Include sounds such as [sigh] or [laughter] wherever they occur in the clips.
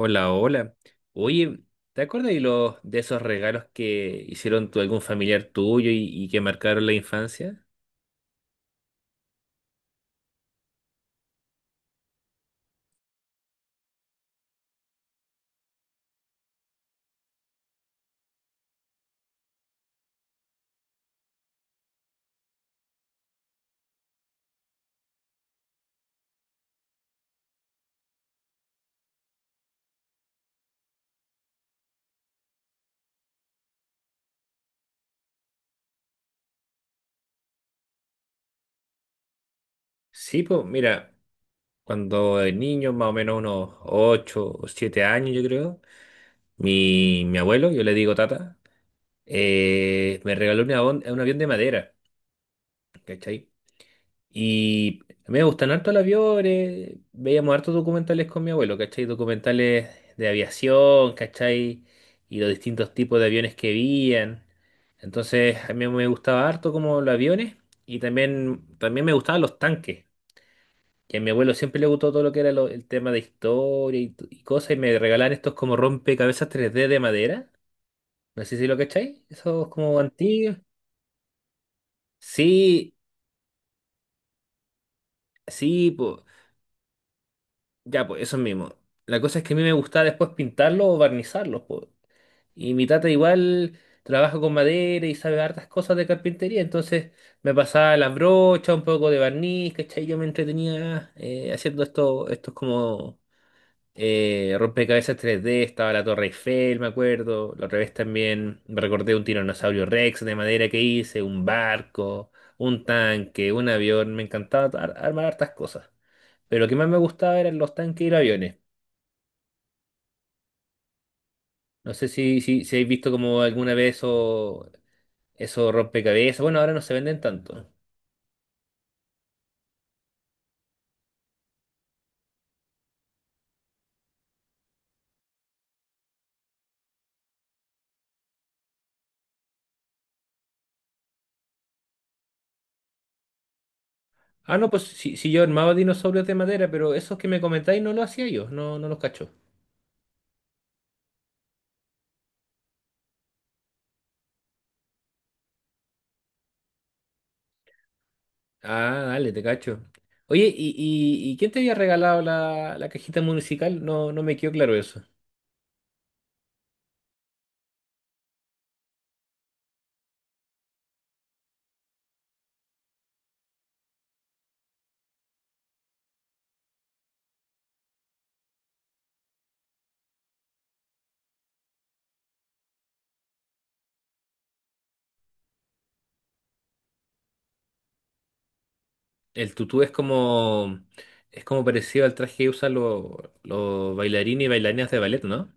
Hola, hola. Oye, ¿te acuerdas de los de esos regalos que hicieron algún familiar tuyo y que marcaron la infancia? Sí, pues mira, cuando de niño, más o menos unos 8, o 7 años, yo creo, mi abuelo, yo le digo tata. Me regaló un avión de madera, ¿cachai? Y a mí me gustan harto los aviones, veíamos hartos documentales con mi abuelo, ¿cachai? Documentales de aviación, ¿cachai? Y los distintos tipos de aviones que veían. Entonces a mí me gustaba harto como los aviones y también, también me gustaban los tanques, que a mi abuelo siempre le gustó todo lo que era el tema de historia y cosas y me regalaban estos como rompecabezas 3D de madera. No sé si lo cacháis, esos como antiguos. Sí, sí, pues. Ya, pues, eso mismo. La cosa es que a mí me gustaba después pintarlos o barnizarlos, pues. Y mi tata igual trabaja con madera y sabe hartas cosas de carpintería, entonces me pasaba las brochas, un poco de barniz, ¿cachai? Yo me entretenía haciendo estos como rompecabezas 3D. Estaba la Torre Eiffel, me acuerdo. La otra vez también me recordé un tiranosaurio Rex de madera que hice, un barco, un tanque, un avión. Me encantaba armar hartas cosas. Pero lo que más me gustaba eran los tanques y los aviones. No sé si habéis visto como alguna vez eso rompecabezas. Bueno, ahora no se venden tanto. Ah, no, pues si yo armaba dinosaurios de madera, pero esos que me comentáis no lo hacía yo, no, no los cacho. Ah, dale, te cacho. Oye, ¿y quién te había regalado la cajita musical? No, no me quedó claro eso. El tutú es como parecido al traje que usan los bailarines y bailarinas de ballet, ¿no?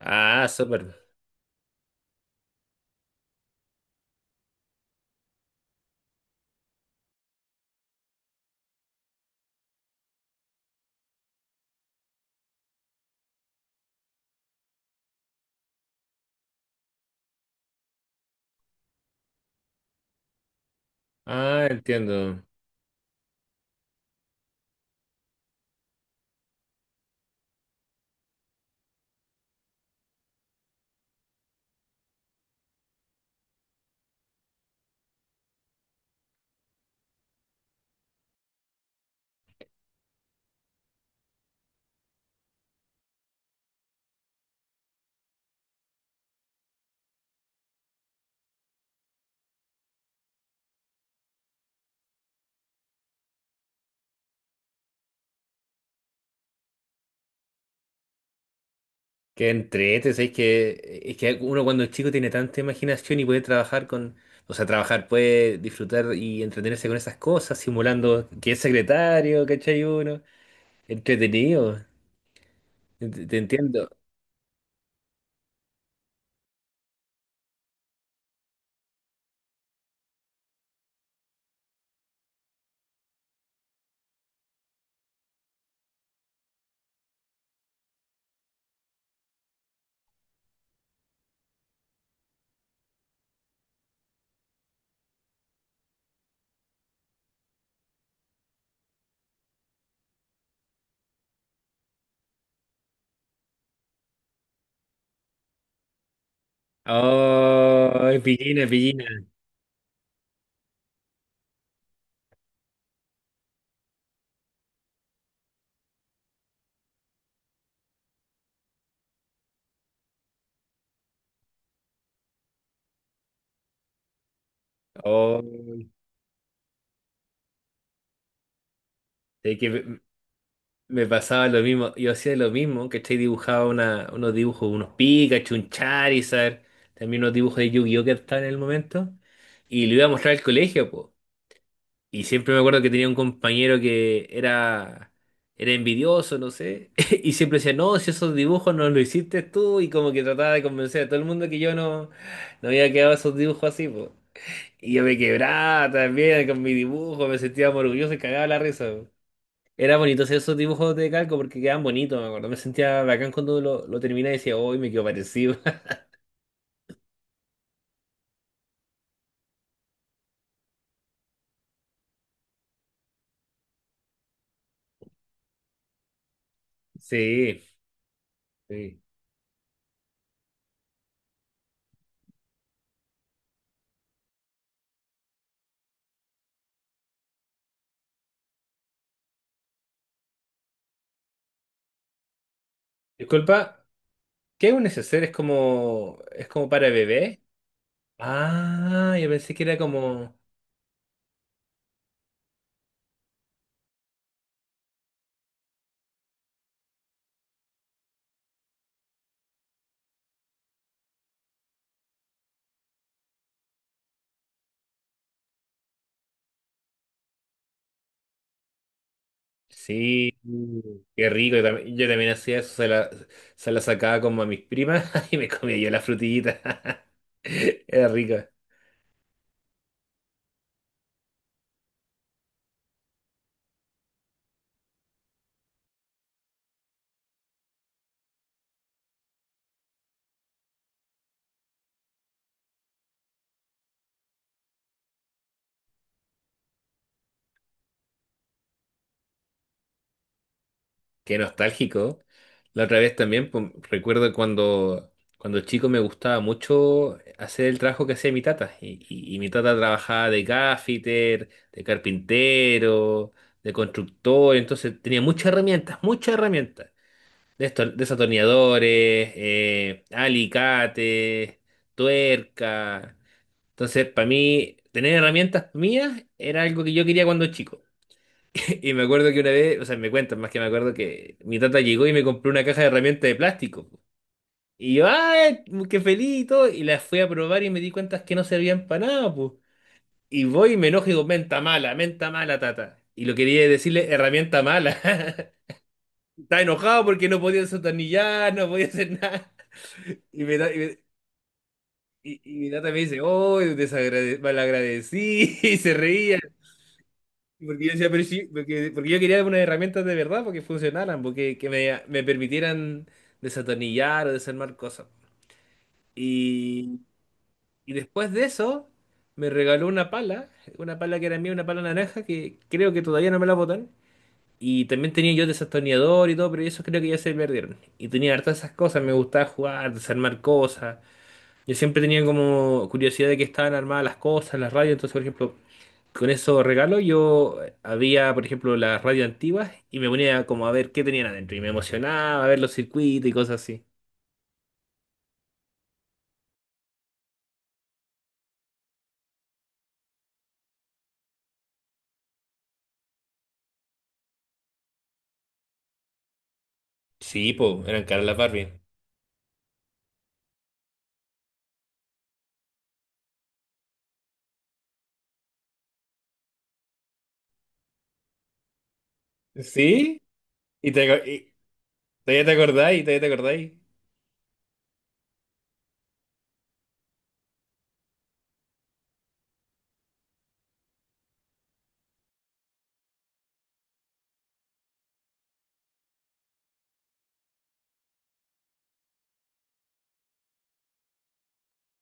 Ah, súper. Ah, entiendo. Qué entrete, ¿sabes? Que, es que uno cuando es chico tiene tanta imaginación y puede trabajar con, o sea, trabajar, puede disfrutar y entretenerse con esas cosas, simulando que es secretario, ¿cachai uno? Entretenido. Entiendo. Oh, pillina, pillina. Oh, es que me pasaba lo mismo. Yo hacía lo mismo, ¿cachai? Dibujaba unos dibujos, unos Pikachu, un Charizard, también unos dibujos de Yu-Gi-Oh que estaban en el momento, y le iba a mostrar al colegio, po. Y siempre me acuerdo que tenía un compañero que era envidioso, no sé, [laughs] y siempre decía, no, si esos dibujos no los hiciste tú, y como que trataba de convencer a todo el mundo que yo no había quedado esos dibujos así, po. Y yo me quebraba también con mi dibujo, me sentía más orgulloso y cagaba la risa, po. Era bonito hacer esos dibujos de calco porque quedaban bonitos, me acuerdo. Me sentía bacán cuando lo terminé y decía, hoy me quedo parecido. [laughs] Sí, sí. Disculpa, ¿qué es un neceser? ¿Es como para bebé? Ah, yo pensé que era como. Sí, qué rico. Yo también hacía eso, se la sacaba como a mis primas [laughs] y me comía yo la frutillita. [laughs] Era rico. Qué nostálgico. La otra vez también, pues, recuerdo cuando chico me gustaba mucho hacer el trabajo que hacía mi tata. Y mi tata trabajaba de gaffiter, de carpintero, de constructor, entonces tenía muchas herramientas, muchas herramientas. Desto Desatornilladores, alicate, tuerca. Entonces, para mí, tener herramientas mías era algo que yo quería cuando chico. [laughs] Y me acuerdo que una vez, o sea, me cuentan más que me acuerdo que mi tata llegó y me compró una caja de herramientas de plástico. Y yo, ¡ay! ¡Qué feliz! Y todo, y las fui a probar y me di cuenta que no servían para nada, pues. Y voy y me enojo y digo, menta mala, tata. Y lo quería decirle, herramienta mala. [laughs] Estaba enojado porque no podía desatornillar, no podía hacer nada. Y me da- y me- y mi tata me dice, oh, desagrade- malagradecí, [laughs] y se reía. Porque yo decía, pero sí, porque yo quería unas herramientas de verdad, porque funcionaran, porque que me permitieran desatornillar o desarmar cosas. Y, y después de eso, me regaló una pala que era mía, una pala naranja, que creo que todavía no me la botan. Y también tenía yo desatornillador y todo, pero eso creo que ya se perdieron. Y tenía hartas esas cosas, me gustaba jugar, desarmar cosas. Yo siempre tenía como curiosidad de qué estaban armadas las cosas, las radios. Entonces, por ejemplo, con esos regalos yo había, por ejemplo, las radios antiguas y me ponía como a ver qué tenían adentro. Y me emocionaba a ver los circuitos y cosas así. Sí, po, eran caras las Barbie. ¿Sí? ¿Y todavía te acordáis? ¿Todavía te acordáis?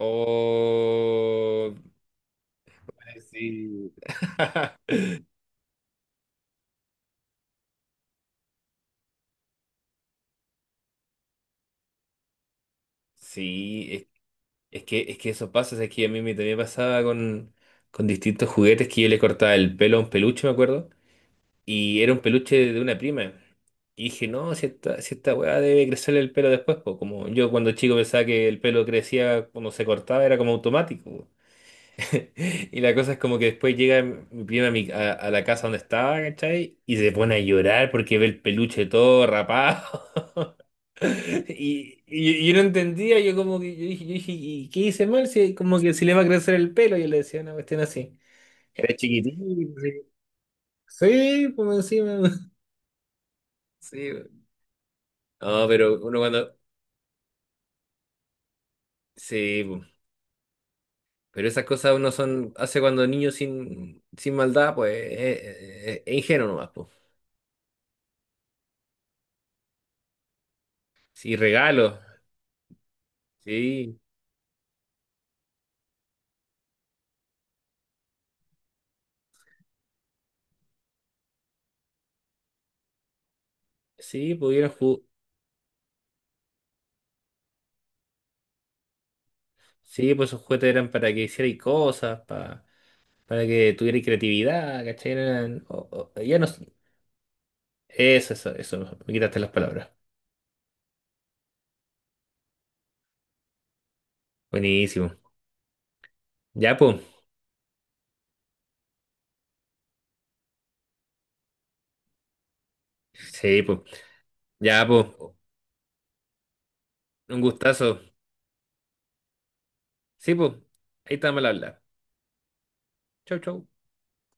Oh, sí. [laughs] Sí, es que eso pasa, es que a mí me, también pasaba con distintos juguetes que yo le cortaba el pelo a un peluche, me acuerdo. Y era un peluche de una prima. Y dije, no, si esta weá debe crecerle el pelo después, pues como yo cuando chico pensaba que el pelo crecía cuando se cortaba, era como automático, po. [laughs] Y la cosa es como que después llega mi prima a la casa donde estaba, ¿cachai? Y se pone a llorar porque ve el peluche todo rapado. [laughs] Y yo no entendía, yo como que yo dije, ¿y qué hice mal? Si, como que si le va a crecer el pelo, yo le decía una cuestión así. Era chiquitito, sí. Sí, por encima. [laughs] Sí, pues. No, pero uno cuando. Sí, po. Pero esas cosas uno son. Hace cuando niño sin maldad, pues es ingenuo nomás, pues. Sí, regalos. Sí, sí, pudieron. Sí, pues esos juguetes eran para que hicierais cosas, para que tuvierais creatividad, ¿cachai? Ya no. Eso, me quitaste las palabras. Buenísimo. Ya, pues. Sí, pues. Ya, pues. Un gustazo. Sí, pues. Ahí estamos al hablar. Chau, chau.